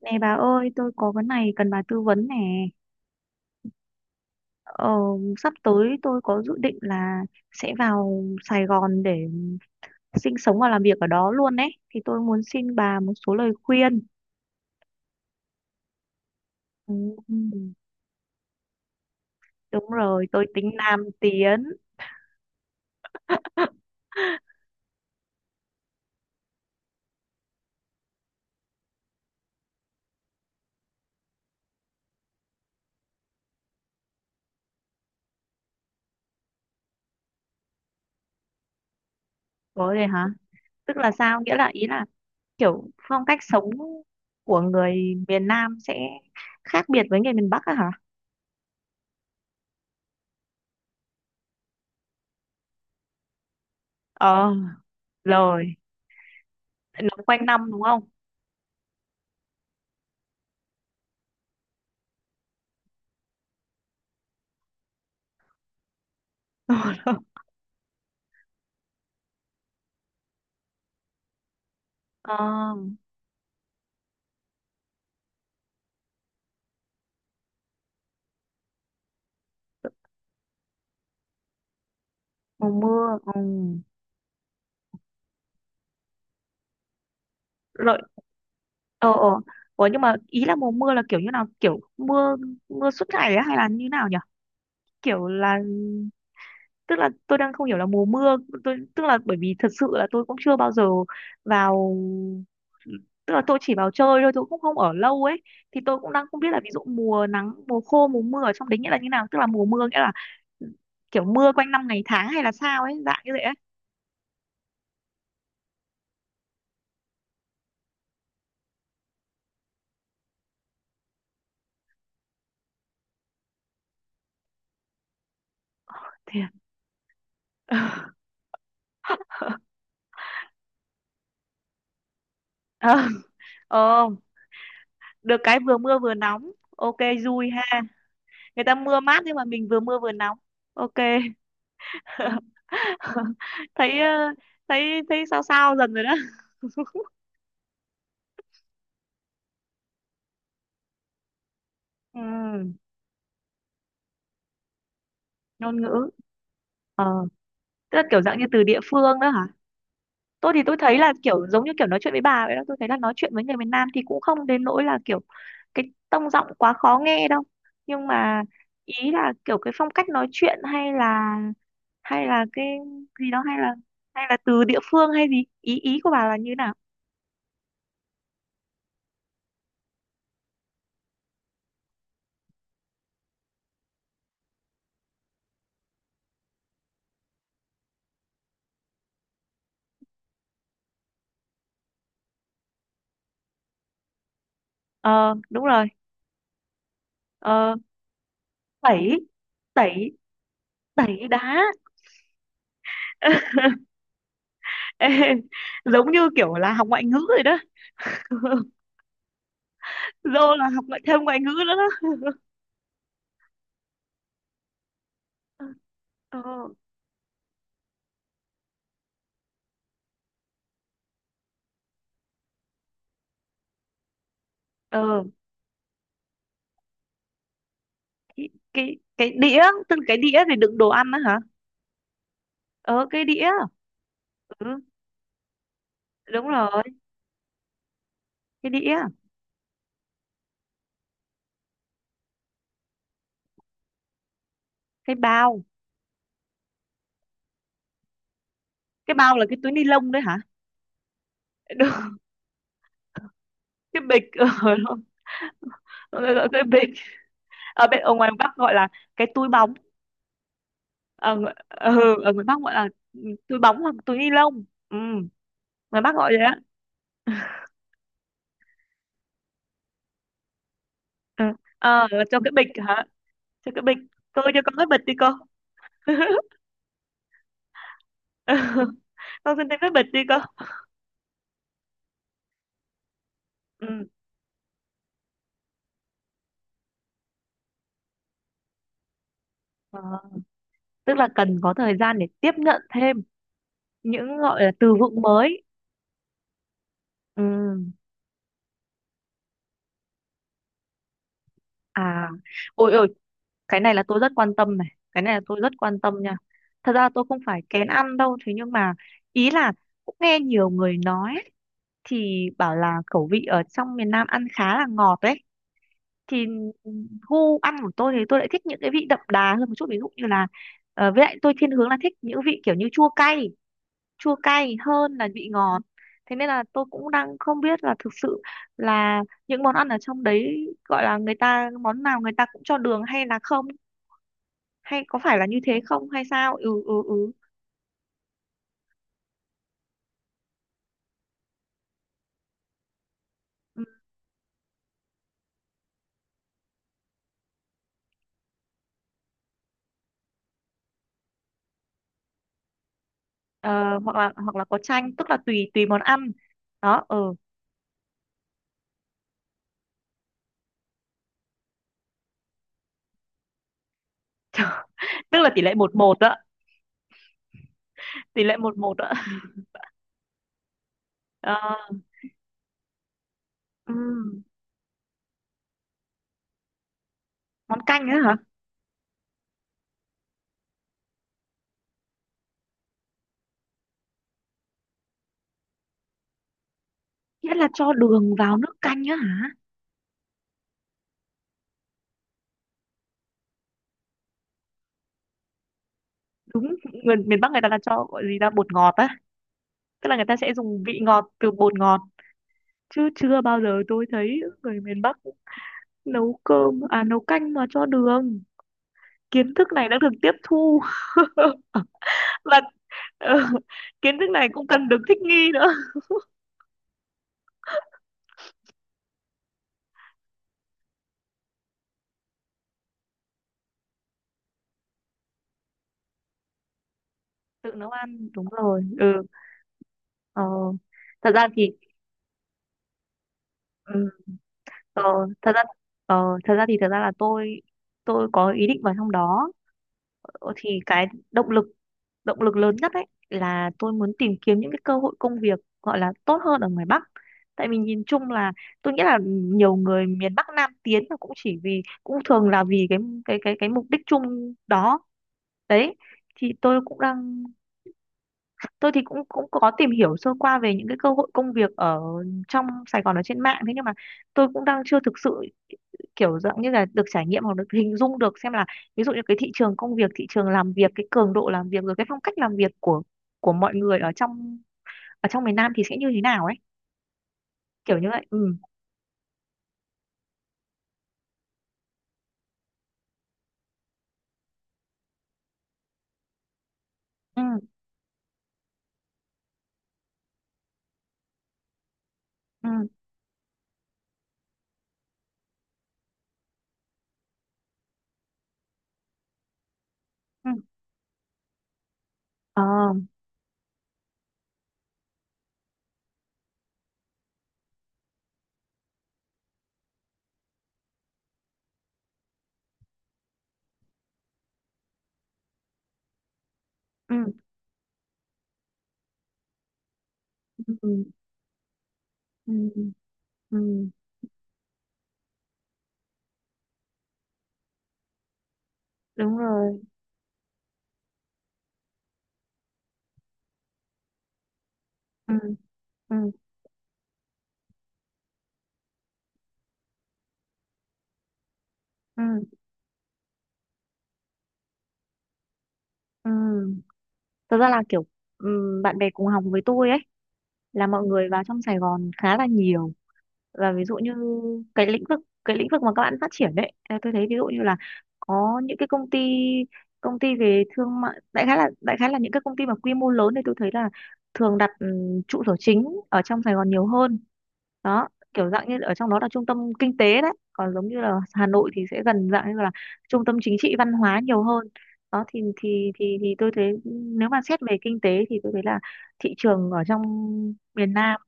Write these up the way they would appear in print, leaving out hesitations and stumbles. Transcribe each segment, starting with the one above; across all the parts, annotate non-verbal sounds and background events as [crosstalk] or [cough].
Nè bà ơi, tôi có cái này cần bà tư vấn nè. Ờ, Sắp tới tôi có dự định là sẽ vào Sài Gòn để sinh sống và làm việc ở đó luôn đấy. Thì tôi muốn xin bà một số lời khuyên. Ừ. Ừ, đúng rồi, tôi tính Nam tiến. [laughs] Có rồi hả? Tức là sao? Nghĩa là ý là kiểu phong cách sống của người miền Nam sẽ khác biệt với người miền Bắc á hả? Ờ, rồi. Nó quanh năm đúng không? [laughs] Ờ. Mùa mưa, ừ. Rồi. ờ ờ Ủa, nhưng mà ý là mùa mưa là kiểu như nào, kiểu mưa mưa suốt ngày á hay là như nào nhỉ, kiểu là, tức là tôi đang không hiểu là mùa mưa, tôi, tức là bởi vì thật sự là tôi cũng chưa bao giờ vào, tức là tôi chỉ vào chơi thôi, tôi cũng không ở lâu ấy. Thì tôi cũng đang không biết là ví dụ mùa nắng, mùa khô, mùa mưa ở trong đấy nghĩa là như nào, tức là mùa mưa nghĩa là kiểu mưa quanh năm ngày tháng hay là sao ấy, dạng như vậy ấy. Thiệt. [laughs] ờ ờ Được cái vừa mưa vừa nóng. Ok, vui ha. Người ta mưa mát nhưng mà mình vừa mưa vừa nóng. Ok. [laughs] thấy ờ, thấy thấy sao sao dần rồi đó. Ừ, ngôn ngữ, ờ tức là kiểu dạng như từ địa phương đó hả? Tôi thì tôi thấy là kiểu giống như kiểu nói chuyện với bà vậy đó. Tôi thấy là nói chuyện với người miền Nam thì cũng không đến nỗi là kiểu, cái tông giọng quá khó nghe đâu. Nhưng mà ý là kiểu cái phong cách nói chuyện hay là cái gì đó, hay là từ địa phương hay gì, ý ý của bà là như nào? Ờ, đúng rồi. Ờ, tẩy, tẩy, tẩy đá. [laughs] Ê, giống như kiểu là học ngoại ngữ rồi đó. [laughs] Dô là học thêm ngoại ngữ nữa đó. Ờ, ờ, cái đĩa, tức là cái đĩa để đựng đồ ăn đó hả? Ờ, cái đĩa. Ừ, đúng rồi. Cái đĩa, cái bao. Cái bao là cái túi ni lông đấy hả? [laughs] Đúng, cái bịch. Ờ, [laughs] đúng. Gọi là cái bịch. Ở ngoài Bắc gọi là cái túi bóng. Ở ngoài Bắc gọi là túi bóng hoặc túi ni lông, ngoài Bắc gọi vậy á. [laughs] Ừ. Cho cái bịch hả? Cho cái bịch. Tôi cho con cái bịch đi cô. [laughs] Ừ. Con xin thêm cái bịch đi cô. Ừ. Ờ, tức là cần có thời gian để tiếp nhận thêm những gọi là từ vựng mới. Ừ. À, ôi ôi, cái này là tôi rất quan tâm này, cái này là tôi rất quan tâm nha. Thật ra tôi không phải kén ăn đâu, thế nhưng mà ý là cũng nghe nhiều người nói thì bảo là khẩu vị ở trong miền Nam ăn khá là ngọt đấy. Thì gu ăn của tôi thì tôi lại thích những cái vị đậm đà hơn một chút, ví dụ như là, với lại tôi thiên hướng là thích những vị kiểu như chua cay, chua cay hơn là vị ngọt. Thế nên là tôi cũng đang không biết là thực sự là những món ăn ở trong đấy gọi là người ta món nào người ta cũng cho đường hay là không, hay có phải là như thế không hay sao. Ừ, ừ, ừ. Ừ, ờ, hoặc là có chanh, tức là tùy tùy món ăn đó. Ừ. Tức là tỷ lệ một một đó. Tỷ lệ một một ạ? Ờ, ừm, món canh á hả? Nghĩa là cho đường vào nước canh á hả? Đúng. Người miền Bắc người ta là cho gọi gì là bột ngọt á, tức là người ta sẽ dùng vị ngọt từ bột ngọt, chứ chưa bao giờ tôi thấy người miền Bắc nấu cơm à nấu canh mà cho đường. Kiến thức này đã được tiếp thu. [laughs] Và ờ, kiến thức này cũng cần được thích nghi nữa. Tự nấu ăn, đúng rồi. Ừ. ờ, thật ra thì ừ, Ờ, thật ra ờ, Thật ra là tôi có ý định vào trong đó. Ờ, thì cái động lực lớn nhất ấy là tôi muốn tìm kiếm những cái cơ hội công việc gọi là tốt hơn ở ngoài Bắc. Tại mình nhìn chung là tôi nghĩ là nhiều người miền Bắc Nam tiến là cũng chỉ vì cũng thường là vì cái mục đích chung đó đấy. Thì tôi cũng đang Tôi thì cũng cũng có tìm hiểu sơ qua về những cái cơ hội công việc ở trong Sài Gòn ở trên mạng, thế nhưng mà tôi cũng đang chưa thực sự kiểu dạng như là được trải nghiệm hoặc được hình dung được xem là, ví dụ như cái thị trường công việc, thị trường làm việc, cái cường độ làm việc rồi cái phong cách làm việc của mọi người ở trong miền Nam thì sẽ như thế nào ấy, kiểu như vậy. Ừ, ừ, ừ, ừ, ờ, ừ, ừ, ừ, ừ, ừ. Đúng rồi. Ừ, ừ, ừ, ừ. Thật ra là kiểu, ừ, bạn bè cùng học với tôi ấy là mọi người vào trong Sài Gòn khá là nhiều. Và ví dụ như cái lĩnh vực cái lĩnh vực mà các bạn phát triển đấy, à, tôi thấy ví dụ như là có những cái công ty về thương mại, đại khái là những cái công ty mà quy mô lớn thì tôi thấy là thường đặt trụ sở chính ở trong Sài Gòn nhiều hơn. Đó, kiểu dạng như ở trong đó là trung tâm kinh tế đấy, còn giống như là Hà Nội thì sẽ gần dạng như là trung tâm chính trị văn hóa nhiều hơn. Đó, thì tôi thấy, nếu mà xét về kinh tế thì tôi thấy là thị trường ở trong miền Nam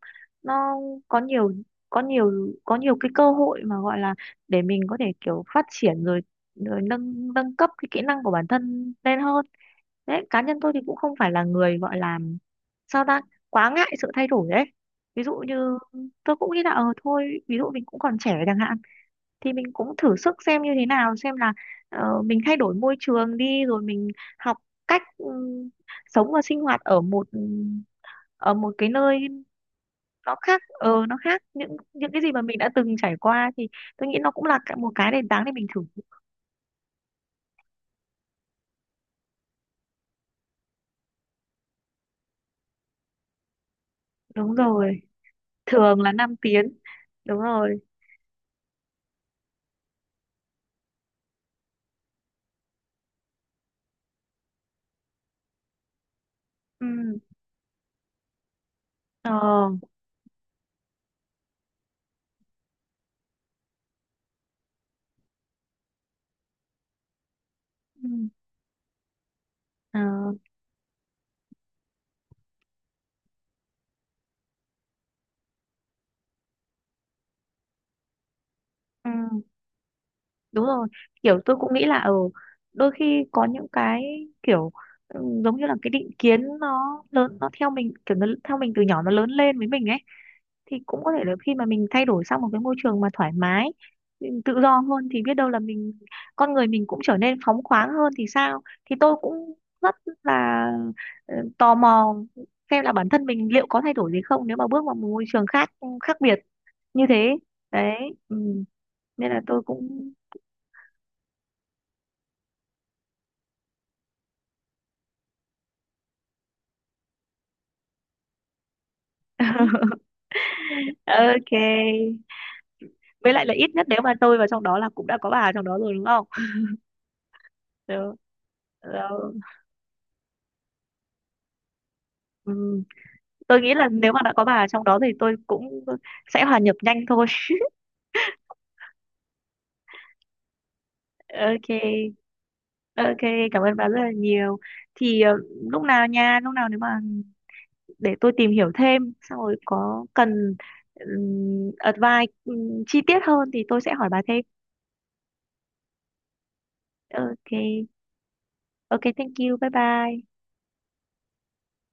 nó có nhiều có nhiều có nhiều cái cơ hội mà gọi là để mình có thể kiểu phát triển, rồi rồi nâng nâng cấp cái kỹ năng của bản thân lên hơn. Đấy, cá nhân tôi thì cũng không phải là người gọi là, sao ta, quá ngại sự thay đổi đấy. Ví dụ như tôi cũng nghĩ là thôi, ví dụ mình cũng còn trẻ chẳng hạn, thì mình cũng thử sức xem như thế nào xem là, mình thay đổi môi trường đi rồi mình học cách, sống và sinh hoạt ở một cái nơi nó khác những cái gì mà mình đã từng trải qua, thì tôi nghĩ nó cũng là một cái nền tảng để mình thử. Đúng rồi, thường là năm tiếng. Đúng rồi. Ừ, ờ, ừ, ờ, ừ. Đúng rồi, kiểu tôi cũng nghĩ là ở đôi khi có những cái kiểu, giống như là cái định kiến nó lớn, nó theo mình, kiểu nó theo mình từ nhỏ nó lớn lên với mình ấy, thì cũng có thể là khi mà mình thay đổi sang một cái môi trường mà thoải mái, mình tự do hơn thì biết đâu là mình, con người mình cũng trở nên phóng khoáng hơn thì sao. Thì tôi cũng rất là, tò mò xem là bản thân mình liệu có thay đổi gì không nếu mà bước vào một môi trường khác khác biệt như thế đấy. Ừ. Nên là tôi cũng [laughs] ok, với lại là ít nhất nếu mà tôi vào trong đó là cũng đã có bà trong đó rồi đúng không. [laughs] Được. Rồi. Ừ. Tôi nghĩ là nếu mà đã có bà trong đó thì tôi cũng sẽ hòa nhập nhanh thôi. [laughs] Ok, ok, cảm ơn bà rất là nhiều. Thì lúc nào nha, lúc nào nếu mà để tôi tìm hiểu thêm, xong rồi có cần advice chi tiết hơn thì tôi sẽ hỏi bà thêm. Ok, ok, thank you, bye bye.